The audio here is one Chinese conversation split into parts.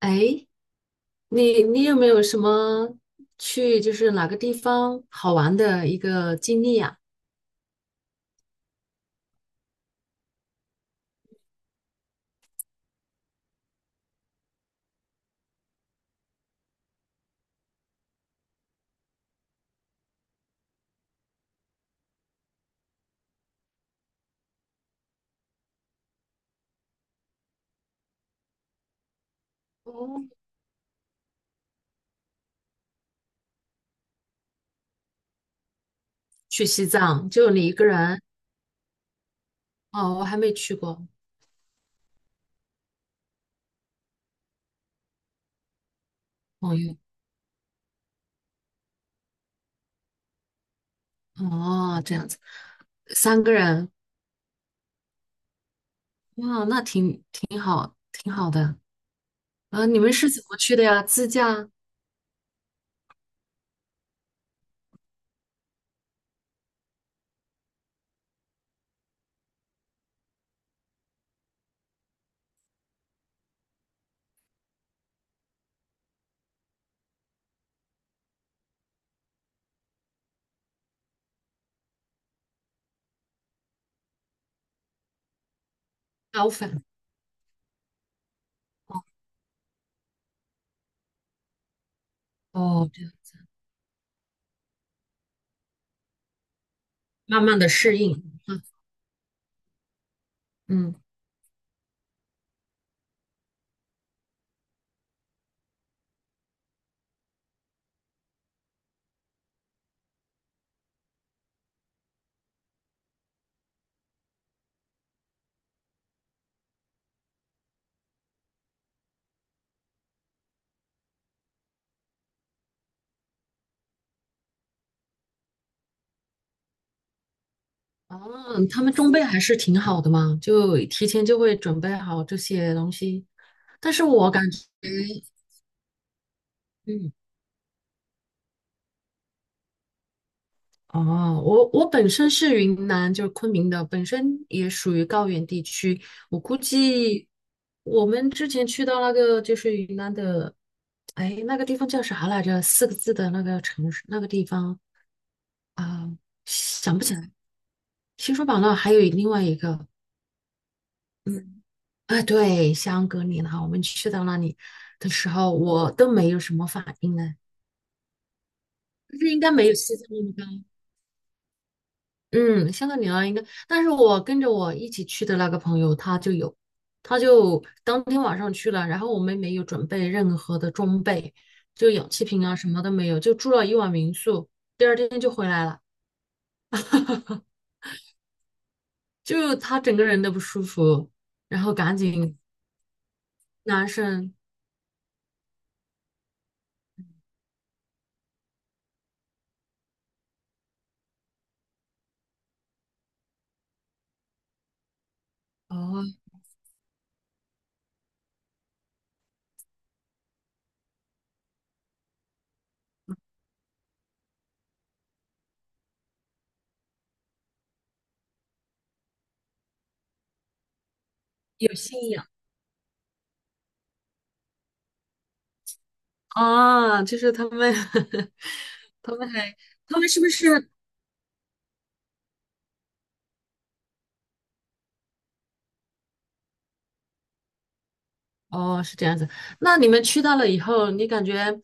哎，你有没有什么去就是哪个地方好玩的一个经历呀？哦，去西藏，就你一个人？哦，我还没去过，朋友。哦，这样子，三个人，哇，那挺好，挺好的。啊，你们是怎么去的呀？自驾、高反？哦，哦这样，慢慢的适应。嗯嗯哦，他们装备还是挺好的嘛，就提前就会准备好这些东西。但是我感觉，嗯，哦，我本身是云南，就是昆明的，本身也属于高原地区。我估计我们之前去到那个就是云南的，哎，那个地方叫啥来着？四个字的那个城市，那个地方啊，想不起来。西双版纳还有另外一个。嗯。啊，对，香格里拉，我们去到那里的时候，我都没有什么反应呢，就是应该没有西藏那么高。嗯，香格里拉应该，但是我跟着我一起去的那个朋友他就有，他就当天晚上去了，然后我们没有准备任何的装备，就氧气瓶啊什么都没有，就住了一晚民宿，第二天就回来了，就他整个人都不舒服，然后赶紧男生哦有信仰啊，就是他们。他们还，他们是不是？哦，是这样子。那你们去到了以后，你感觉，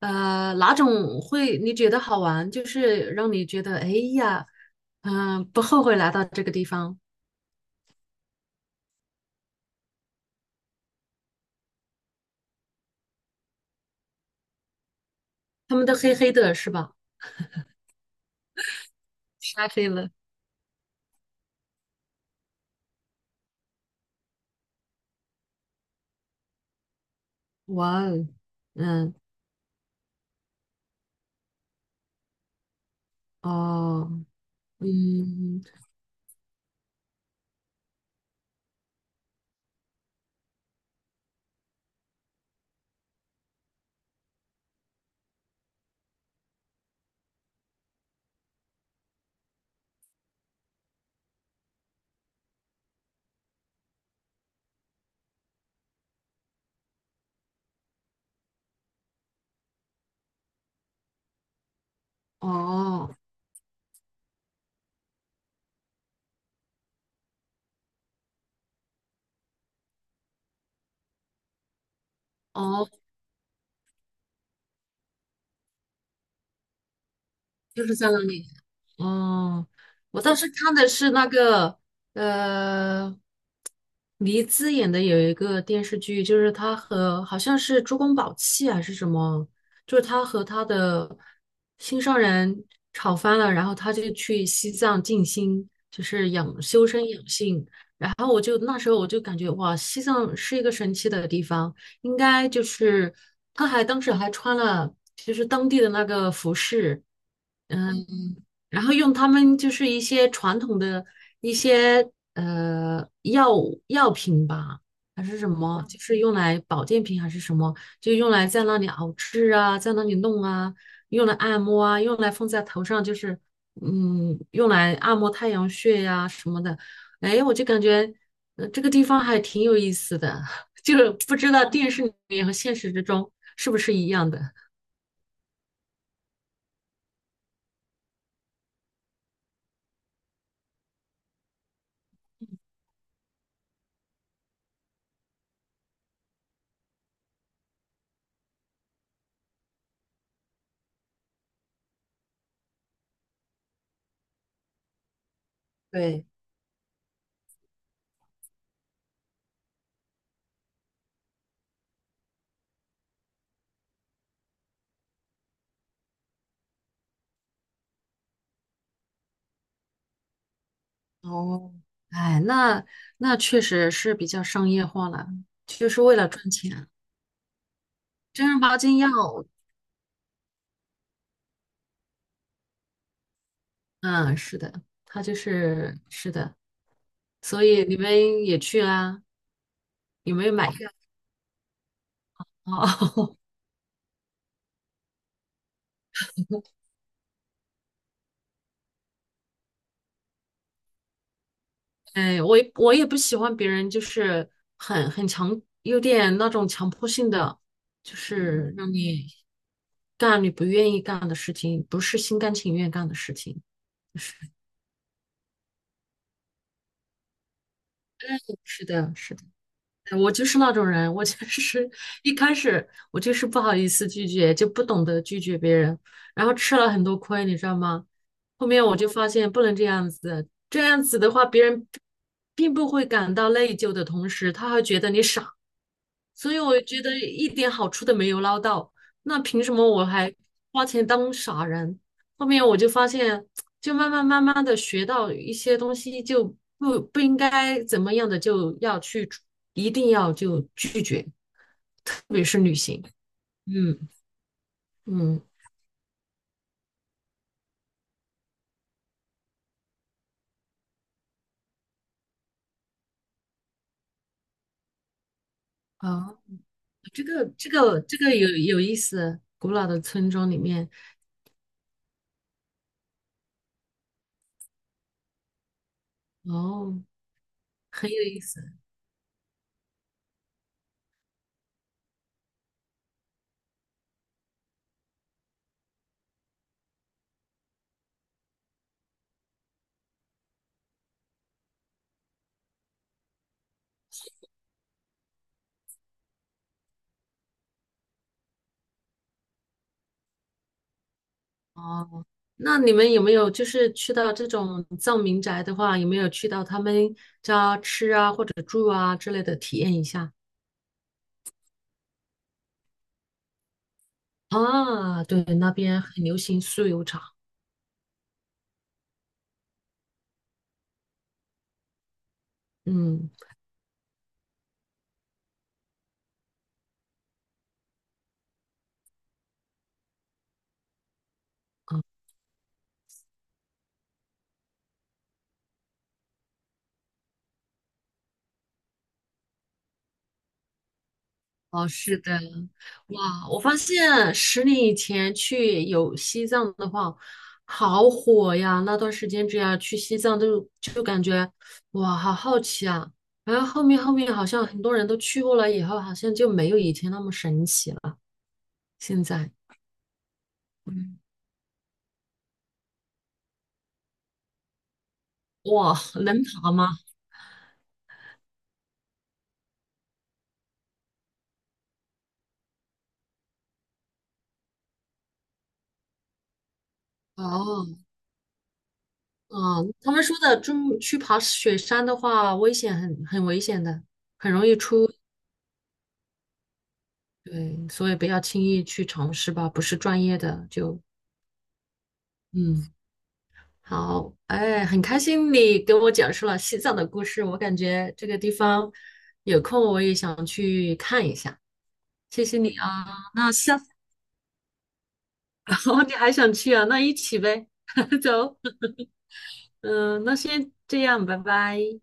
哪种会你觉得好玩？就是让你觉得，哎呀，不后悔来到这个地方。他们都黑黑的，是吧？晒黑了。哇哦，嗯，哦，嗯，哦，哦，就是在那里。哦，我当时看的是那个呃，黎姿演的有一个电视剧，就是她和好像是珠光宝气还是什么，就是她和她的心上人吵翻了，然后她就去西藏静心，就是养修身养性。然后我就那时候我就感觉哇，西藏是一个神奇的地方，应该就是她还当时还穿了就是当地的那个服饰。嗯。然后用他们就是一些传统的一些药药品吧，还是什么，就是用来保健品还是什么，就用来在那里熬制啊，在那里弄啊，用来按摩啊，用来放在头上，就是嗯，用来按摩太阳穴呀、什么的。哎，我就感觉这个地方还挺有意思的，就是不知道电视里面和现实之中是不是一样的。对。哦，哎，那确实是比较商业化了，就是为了赚钱。正儿八经要，嗯，是的，他就是是的，所以你们也去啊？有没有买票？哦，哎，我也不喜欢别人就是很强，有点那种强迫性的，就是让你干你不愿意干的事情，不是心甘情愿干的事情。是是的，是的。我就是那种人，我就是 一开始我就是不好意思拒绝，就不懂得拒绝别人，然后吃了很多亏，你知道吗？后面我就发现不能这样子，这样子的话，别人并不会感到内疚的同时，他还觉得你傻，所以我觉得一点好处都没有捞到，那凭什么我还花钱当傻人？后面我就发现，就慢慢的学到一些东西，就不应该怎么样的就要去，一定要就拒绝，特别是旅行。嗯嗯啊，这个有意思，古老的村庄里面哦，很有意思哦。那你们有没有就是去到这种藏民宅的话，有没有去到他们家吃啊或者住啊之类的体验一下？啊，对，那边很流行酥油茶。嗯，啊哦，是的，哇，我发现十年以前去有西藏的话，好火呀！那段时间只要去西藏都就感觉哇，好好奇啊。然后后面好像很多人都去过了以后，好像就没有以前那么神奇了。现在。哇，能爬吗？哦，啊，他们说的，就去爬雪山的话，危险很危险的，对，所以不要轻易去尝试吧，不是专业的就，嗯，好，哎，很开心你给我讲述了西藏的故事，我感觉这个地方有空我也想去看一下，谢谢你啊，那下次 哦，你还想去啊？那一起呗，走，嗯，那先这样，拜拜。